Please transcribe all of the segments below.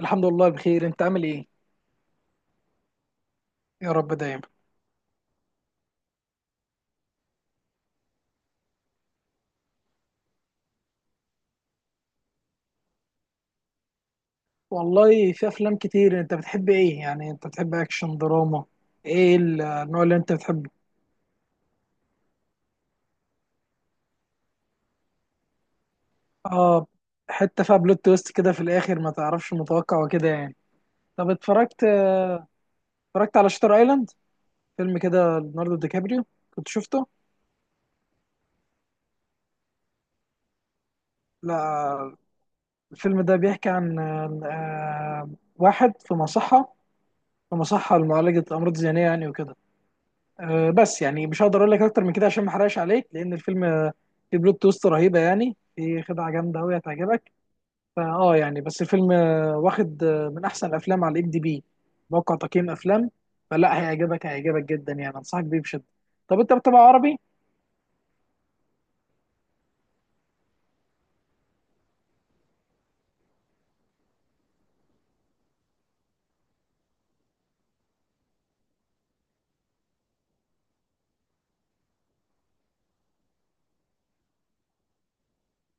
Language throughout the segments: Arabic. الحمد لله بخير. انت عامل ايه؟ يا رب دايما. والله في افلام كتير، انت بتحب ايه يعني؟ انت بتحب اكشن دراما؟ ايه النوع اللي انت بتحبه؟ اه. حتة فيها بلوت تويست كده في الاخر، ما تعرفش متوقع وكده يعني. طب اتفرجت، اتفرجت على شاتر ايلاند؟ فيلم كده ليوناردو دي كابريو، كنت شفته؟ لا، الفيلم ده بيحكي عن آه، واحد في مصحة، في مصحة لمعالجة امراض ذهنية يعني وكده. بس يعني مش هقدر اقول لك اكتر من كده عشان ما احرقش عليك، لان الفيلم فيه بلوت تويست رهيبه، يعني في خدعه جامده قوي هتعجبك. فاه يعني، بس الفيلم واخد من احسن الافلام على الام دي بي، موقع تقييم افلام. فلا، هيعجبك، هيعجبك جدا يعني، انصحك بيه بشده. طب انت بتتابع عربي؟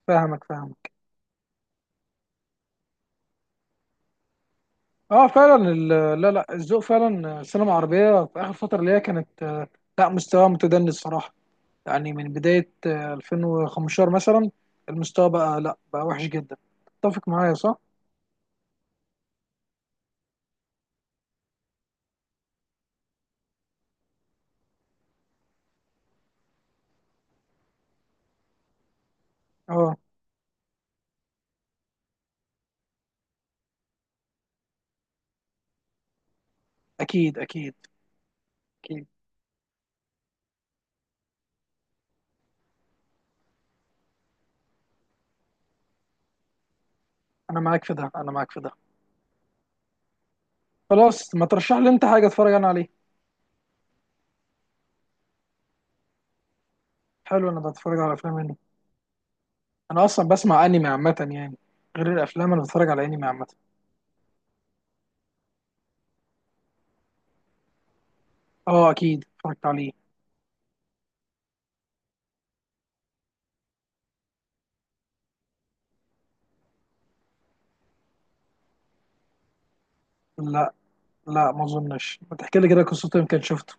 فاهمك فاهمك. اه فعلا لا لا الذوق فعلا. السينما العربيه في اخر فتره اللي هي كانت، لا مستوى متدني الصراحه، يعني من بداية 2015 مثلا المستوى بقى، لا بقى وحش جدا. تتفق معايا صح؟ اه اكيد اكيد اكيد. انا معاك في ده، انا معاك في ده. خلاص، ما ترشح لي انت حاجة اتفرج انا عليه. حلو، انا بتفرج على افلام انمي. انا اصلا بسمع انمي عامة يعني، غير الافلام انا بتفرج على انمي عامة. اه اكيد اتفرجت عليه. لا لا ما اظنش، ما تحكي لي كده قصته يمكن شفته.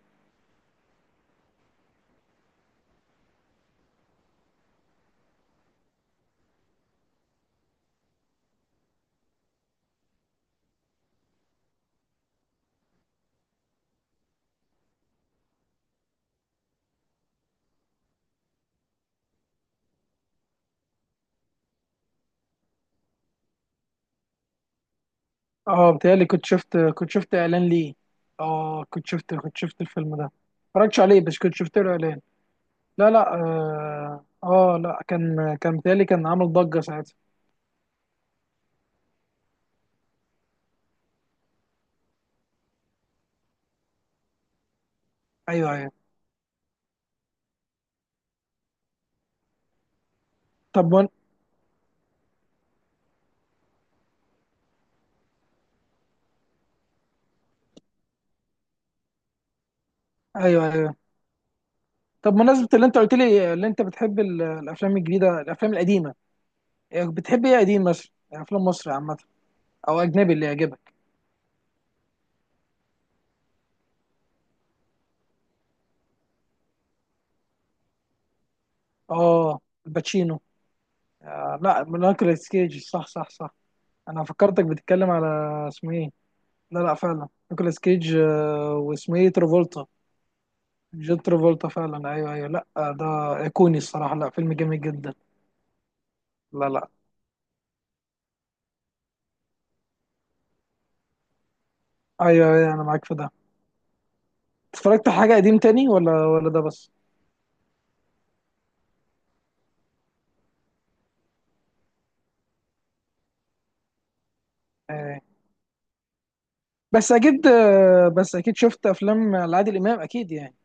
اه بتهيألي كنت شفت، كنت شفت اعلان ليه. اه كنت شفت، كنت شفت الفيلم ده، ما اتفرجتش عليه بس كنت شفت له اعلان. لا لا اه، آه لا كان، كان بيتهيألي كان عامل ضجة ساعتها. ايوه ايوه. طب ون... ايوه ايوه. طب مناسبة اللي انت قلت لي، اللي انت بتحب الافلام الجديدة الافلام القديمة، إيه، بتحب ايه قديم مثلا؟ يعني افلام مصر عامة او اجنبي اللي يعجبك. اه الباتشينو. آه لا نيكولاس كيج، صح صح صح. انا فكرتك بتتكلم على، اسمه ايه. لا لا فعلا نيكولاس كيج. آه واسمه ايه، ترافولتا. جون ترافولتا فعلا، ايوه ايوه. لا ده ايقوني الصراحة، لا فيلم جميل جدا. لا لا. ايوه ايوه انا معاك في ده. اتفرجت على حاجه قديم تاني ولا ولا ده بس؟ آه. بس اكيد، بس اكيد شفت افلام لعادل امام اكيد يعني.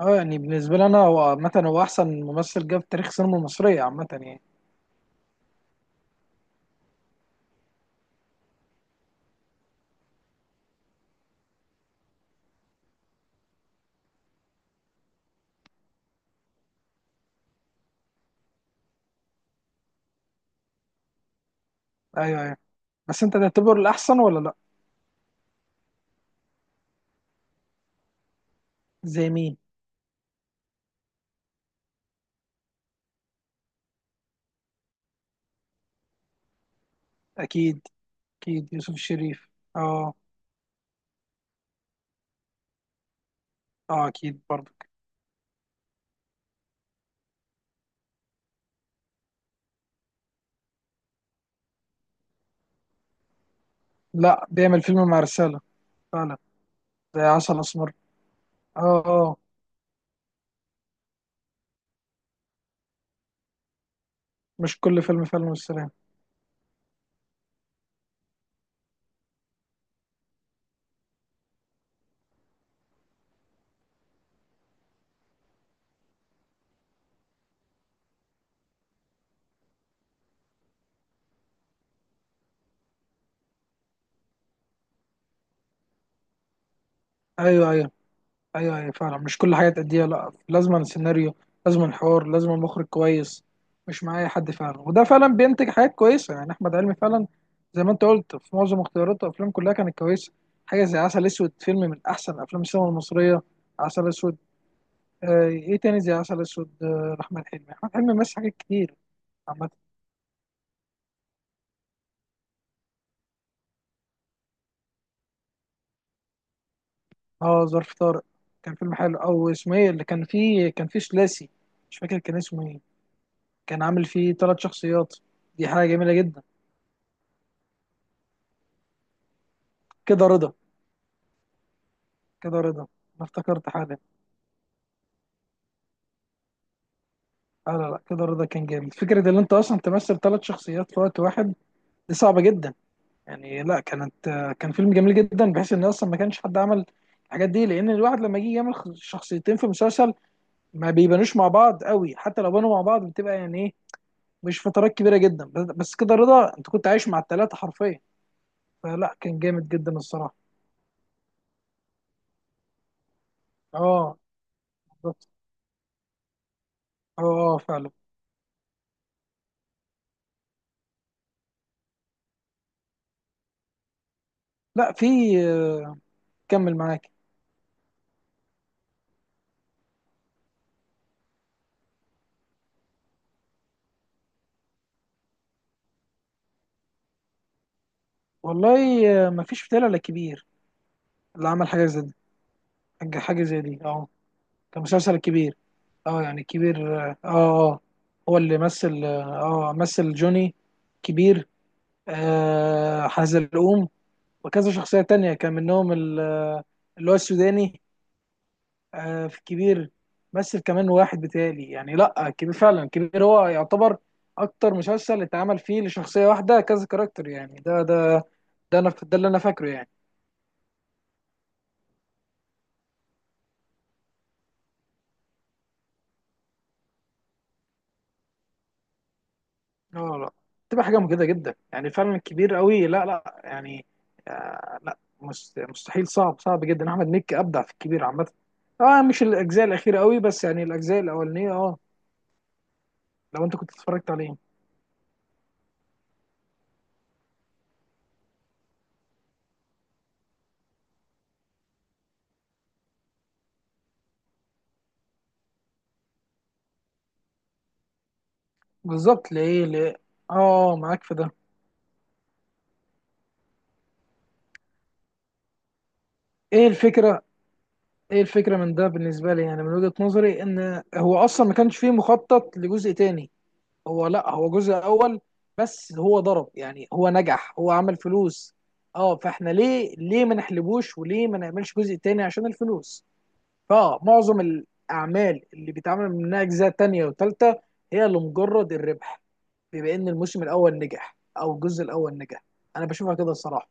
اه يعني بالنسبه لي انا، هو عامه هو احسن ممثل جه في تاريخ السينما المصريه عامه يعني. ايوه ايوه. بس انت تعتبره الاحسن ولا لا؟ زي مين؟ اكيد اكيد، يوسف الشريف. اه اه. اكيد برضه. لا بيعمل فيلم مع رساله، فعلا. زي عسل اسمر. اه اه. مش كل فيلم فيلم والسلام. ايوه ايوه. ايوه ايوه فعلا، مش كل حاجه تأديها، لا لازم سيناريو، لازم حوار، لازم مخرج كويس، مش معايا حد فعلا. وده فعلا بينتج حاجات كويسه يعني احمد علمي فعلا، زي ما انت قلت في معظم اختياراته افلام كلها كانت كويسه. حاجه زي عسل اسود، فيلم من احسن افلام السينما المصريه. عسل اسود. آه ايه تاني زي عسل اسود؟ آه احمد حلمي، احمد حلمي مثل حاجات كتير عامه. اه ظرف طارق كان فيلم حلو. او اسمه ايه اللي كان فيه، كان فيه ثلاثي، مش فاكر كان اسمه ايه، كان عامل فيه ثلاث شخصيات، دي حاجه جميله جدا. كده رضا. كده رضا، انا افتكرت حالا. لا لا لا كده رضا كان جامد، فكره ان انت اصلا تمثل ثلاث شخصيات في وقت واحد، دي صعبه جدا يعني. لا كانت، كان فيلم جميل جدا، بحيث ان اصلا ما كانش حد عمل الحاجات دي. لان الواحد لما يجي يعمل شخصيتين في مسلسل، ما بيبانوش مع بعض قوي، حتى لو بانوا مع بعض بتبقى يعني ايه، مش فترات كبيره جدا. بس بس كده رضا انت كنت عايش مع الثلاثه حرفيا، فلا كان جامد جدا الصراحه. اه بالظبط. اه اه فعلا. لا في، آه، كمل معاك. والله ما فيش فتاة ولا كبير اللي عمل حاجه زي دي، حاجه حاجة زي دي اه. كان مسلسل الكبير. اه يعني الكبير اه اه آه. هو اللي مثل اه، مثل جوني، كبير، آه حزلقوم، وكذا شخصيه تانية كان منهم اللي هو السوداني. آه في الكبير. مثل كمان واحد بتالي يعني، لا الكبير فعلا، الكبير هو يعتبر اكتر مسلسل اتعمل فيه لشخصيه واحده كذا كاركتر يعني، ده ده ده انا، ده اللي انا فاكره يعني. لا لا تبقى حاجه مجهده جدا يعني، فعلا كبير قوي، لا لا يعني، آه لا مستحيل، صعب صعب جدا. احمد مكي ابدع في الكبير عامه، اه مش الاجزاء الاخيره قوي بس يعني الاجزاء الاولانيه اه. لو انت كنت اتفرجت عليه. بالظبط، ليه ليه؟ اه معاك في ده. ايه الفكره؟ ايه الفكره من ده بالنسبه لي يعني؟ من وجهه نظري ان هو اصلا ما كانش فيه مخطط لجزء تاني، هو لا هو جزء اول بس اللي هو ضرب يعني، هو نجح هو عمل فلوس. اه فاحنا ليه، ليه ما نحلبوش وليه ما نعملش جزء تاني عشان الفلوس. فمعظم الاعمال اللي بيتعمل منها اجزاء تانية وتالتة هي لمجرد الربح، بما ان الموسم الاول نجح او الجزء الاول نجح، انا بشوفها كده الصراحة.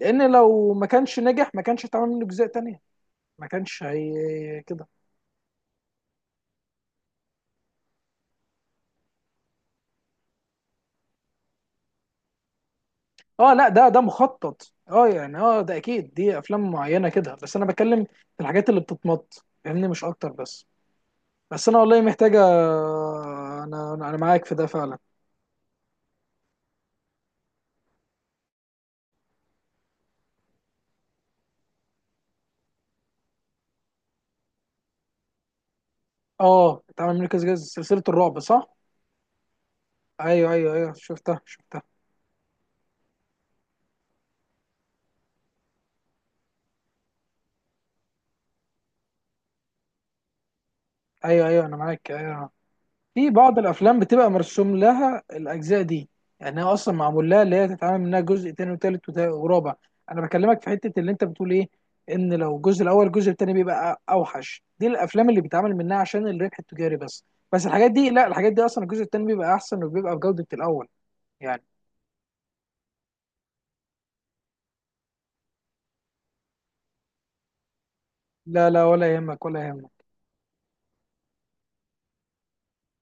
لان لو ما كانش نجح ما كانش هيتعمل منه اجزاء تانية، ما كانش هي كده. اه لا ده ده مخطط اه يعني، اه ده اكيد دي افلام معينه كده، بس انا بتكلم في الحاجات اللي بتتمط فاهمني، مش اكتر بس. بس انا والله محتاجه، انا انا معاك في ده فعلا. اه اتعمل منه كذا كذا، سلسله الرعب صح. ايوه ايوه ايوه شفتها شفتها. ايوه ايوه انا معاك ايوه. في بعض الافلام بتبقى مرسوم لها الاجزاء دي، يعني هي اصلا معمول لها اللي هي تتعامل منها جزء تاني وتالت ورابع. انا بكلمك في حته اللي انت بتقول ايه، ان لو الجزء الاول، الجزء التاني بيبقى اوحش، دي الافلام اللي بيتعمل منها عشان الربح التجاري بس. بس الحاجات دي لا، الحاجات دي اصلا الجزء التاني بيبقى احسن وبيبقى بجوده الاول يعني. لا لا ولا يهمك ولا يهمك.